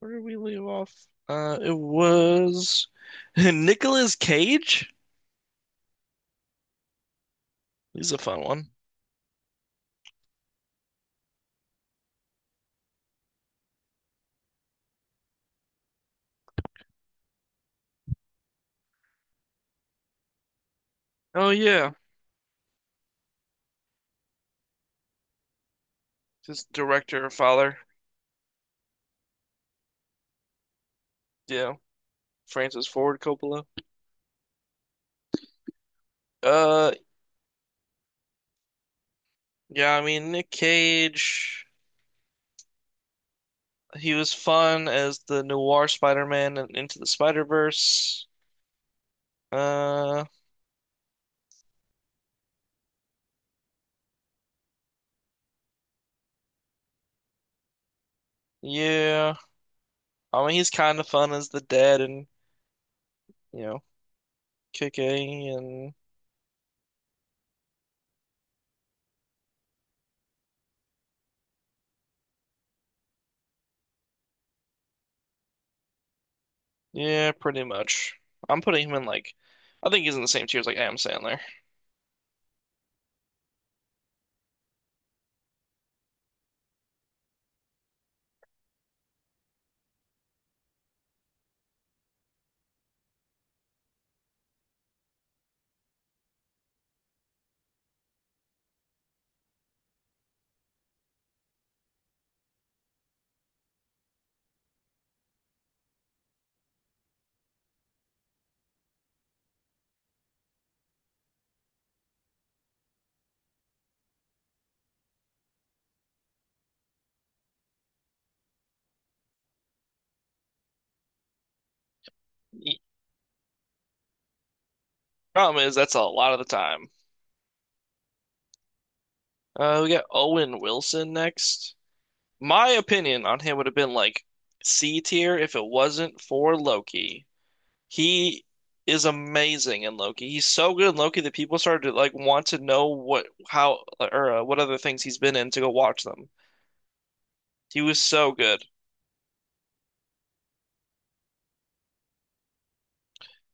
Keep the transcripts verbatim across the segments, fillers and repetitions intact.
Where did we leave off? Uh, it was Nicolas Cage. He's a fun one. Oh yeah, just director, father. Yeah, Francis Ford Coppola. Uh, yeah. I mean, Nick Cage. He was fun as the noir Spider-Man and Into the Spider-Verse. Uh, yeah. I mean, he's kind of fun as the dad and you know, Kick-A and yeah, pretty much. I'm putting him in like. I think he's in the same tier as like Adam Sandler. Problem is, that's a lot of the time. Uh, we got Owen Wilson next. My opinion on him would have been like C tier if it wasn't for Loki. He is amazing in Loki. He's so good in Loki that people started to like want to know what how or uh, what other things he's been in to go watch them. He was so good.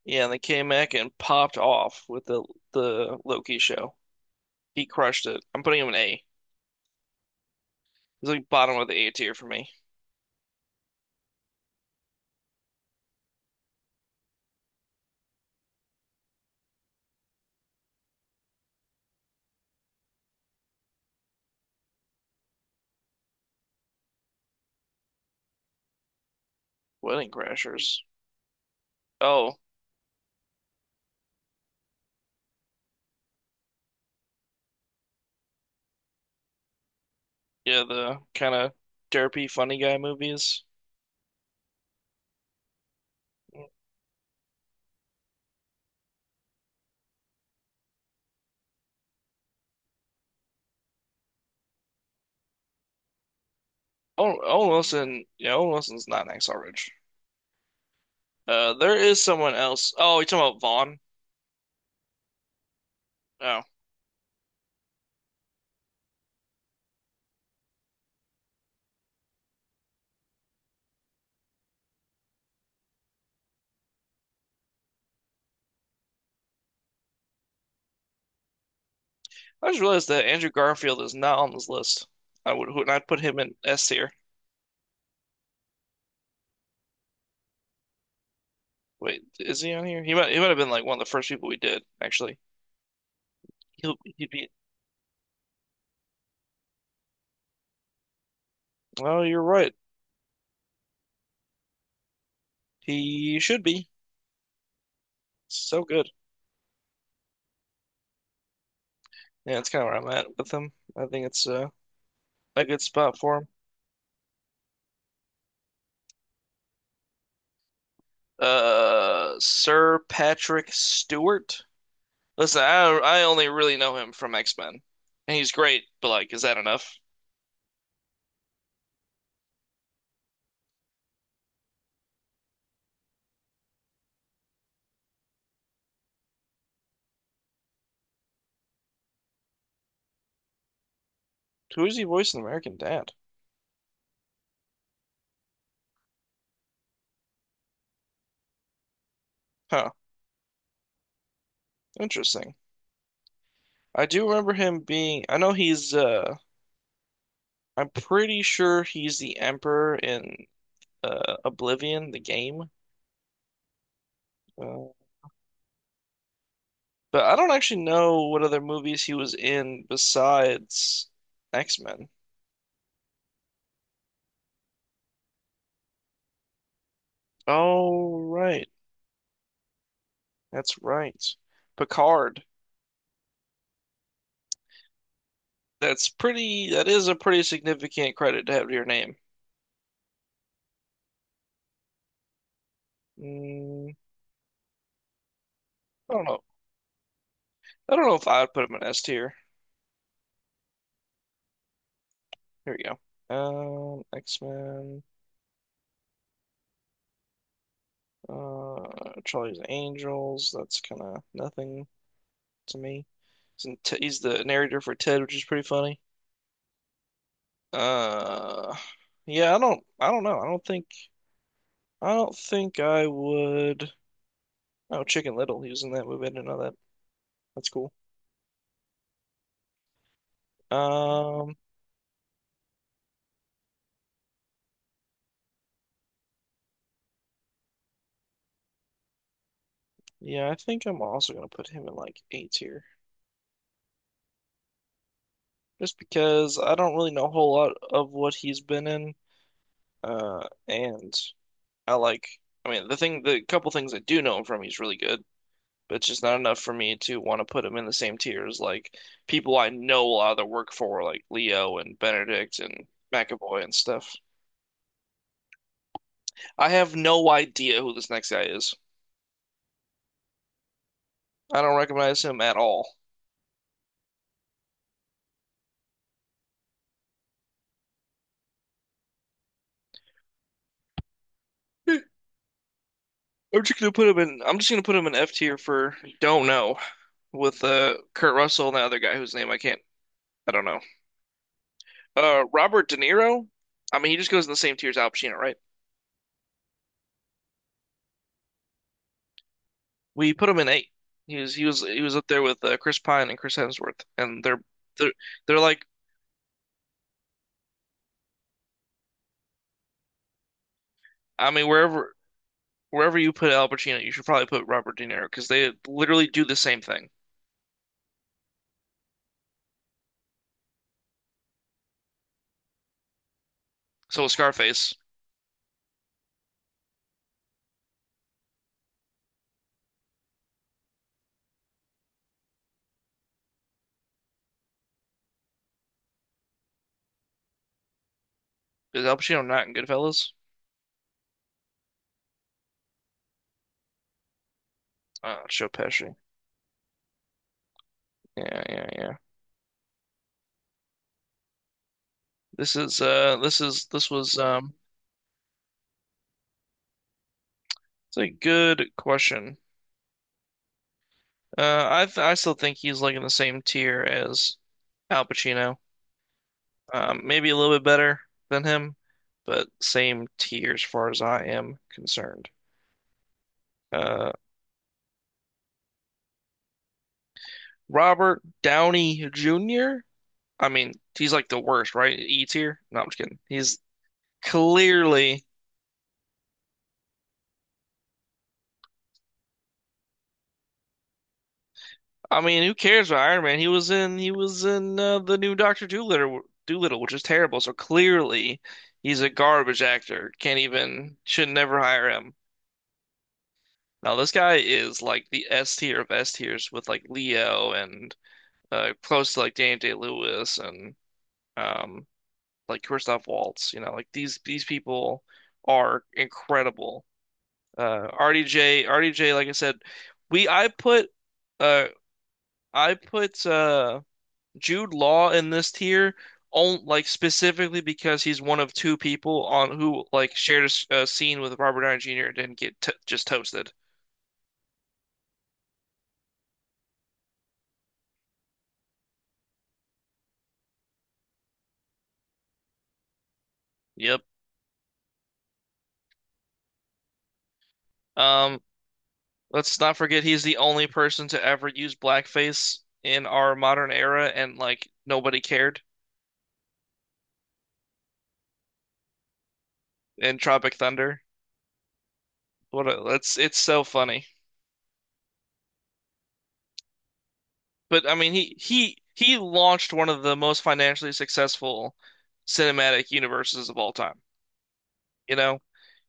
Yeah, and they came back and popped off with the the Loki show. He crushed it. I'm putting him an A. He's like bottom of the A tier for me. Wedding Crashers. Oh, yeah, the kind of derpy funny guy movies. Owen, Owen Wilson, yeah, Owen Wilson's not an Hacksaw Ridge. Uh, there is someone else. Oh, you talking about Vaughn? Oh, I just realized that Andrew Garfield is not on this list. I would, would not put him in S tier. Wait, is he on here? He might, he might have been like one of the first people we did, actually. He'll, he'd be. Oh, you're right. He should be. So good. Yeah, that's kind of where I'm at with him. I think it's uh, a good spot for him. Uh, Sir Patrick Stewart. Listen, I I only really know him from X-Men, and he's great, but like, is that enough? Who is he voicing American Dad? Huh, interesting. I do remember him being. I know he's. Uh, I'm pretty sure he's the Emperor in uh, Oblivion, the game. Uh, but I don't actually know what other movies he was in besides X-Men. Oh, right, that's right. Picard. That's pretty. That is a pretty significant credit to have to your name. Mm, I don't know I don't know if I would put him in S tier. Here we go. Um, X-Men, uh, Charlie's Angels. That's kind of nothing to me. He's, in T he's the narrator for Ted, which is pretty funny. Uh, yeah, I don't, I don't know. I don't think, I don't think I would. Oh, Chicken Little. He was in that movie. I didn't know that. That's cool. Um, yeah, I think I'm also gonna put him in like A tier, just because I don't really know a whole lot of what he's been in. Uh, and I like. I mean, the thing, the couple things I do know him from, he's really good, but it's just not enough for me to want to put him in the same tier as like people I know a lot of their work for, like Leo and Benedict and McAvoy and stuff. I have no idea who this next guy is. I don't recognize him at all. I'm just gonna put him in. I'm just gonna put him in F tier for don't know with uh Kurt Russell and the other guy whose name I can't. I don't know. Uh, Robert De Niro. I mean, he just goes in the same tier as Al Pacino, right? We put him in eight. He was he was he was up there with uh, Chris Pine and Chris Hemsworth, and they're they're they're like I mean wherever wherever you put Al Pacino, you should probably put Robert De Niro because they literally do the same thing. So with Scarface, is Al Pacino not in Goodfellas? Uh, Joe Pesci. Yeah, yeah, yeah. This is uh this is this was um it's a good question. Uh, I th I still think he's like in the same tier as Al Pacino. Um, maybe a little bit better than him, but same tier as far as I am concerned. Uh, Robert Downey Junior I mean, he's like the worst, right? E tier? No, I'm just kidding. He's clearly. I mean, who cares about Iron Man? He was in. He was in uh, the new Doctor Doolittle, Doolittle, which is terrible. So clearly, he's a garbage actor. Can't even. Should never hire him. Now this guy is like the S tier of S tiers with like Leo and uh, close to like Daniel Day-Lewis and um, like Christoph Waltz. You know, like these these people are incredible. Uh, R D J, like I said, we I put uh I put uh Jude Law in this tier on like specifically because he's one of two people on who like shared a a scene with Robert Downey Junior and didn't get t just toasted. Yep. Um, let's not forget he's the only person to ever use blackface in our modern era, and like nobody cared in Tropic Thunder. What a, that's it's so funny. But I mean, he he he launched one of the most financially successful cinematic universes of all time. You know,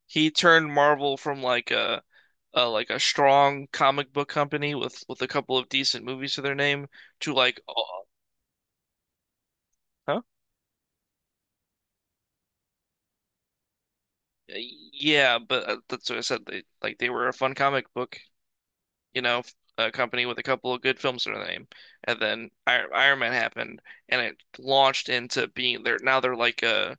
he turned Marvel from like a, a like a strong comic book company with with a couple of decent movies to their name to like, oh, huh? Yeah, but uh, that's what I said. They like they were a fun comic book you know, a company with a couple of good films to their name. And then I Iron Man happened, and it launched into being they're now they're like a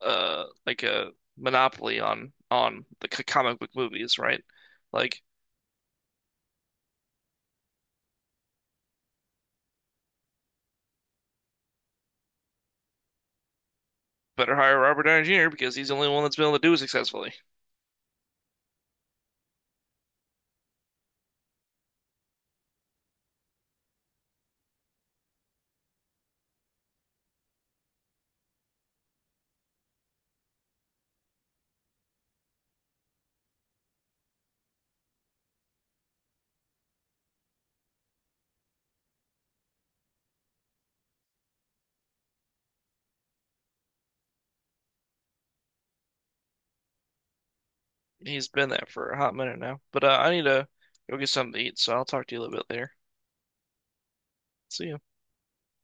uh like a monopoly on on the c- comic book movies, right? Like better hire Robert Downey Junior because he's the only one that's been able to do it successfully. He's been there for a hot minute now. But uh, I need to go get something to eat, so I'll talk to you a little bit later. See ya.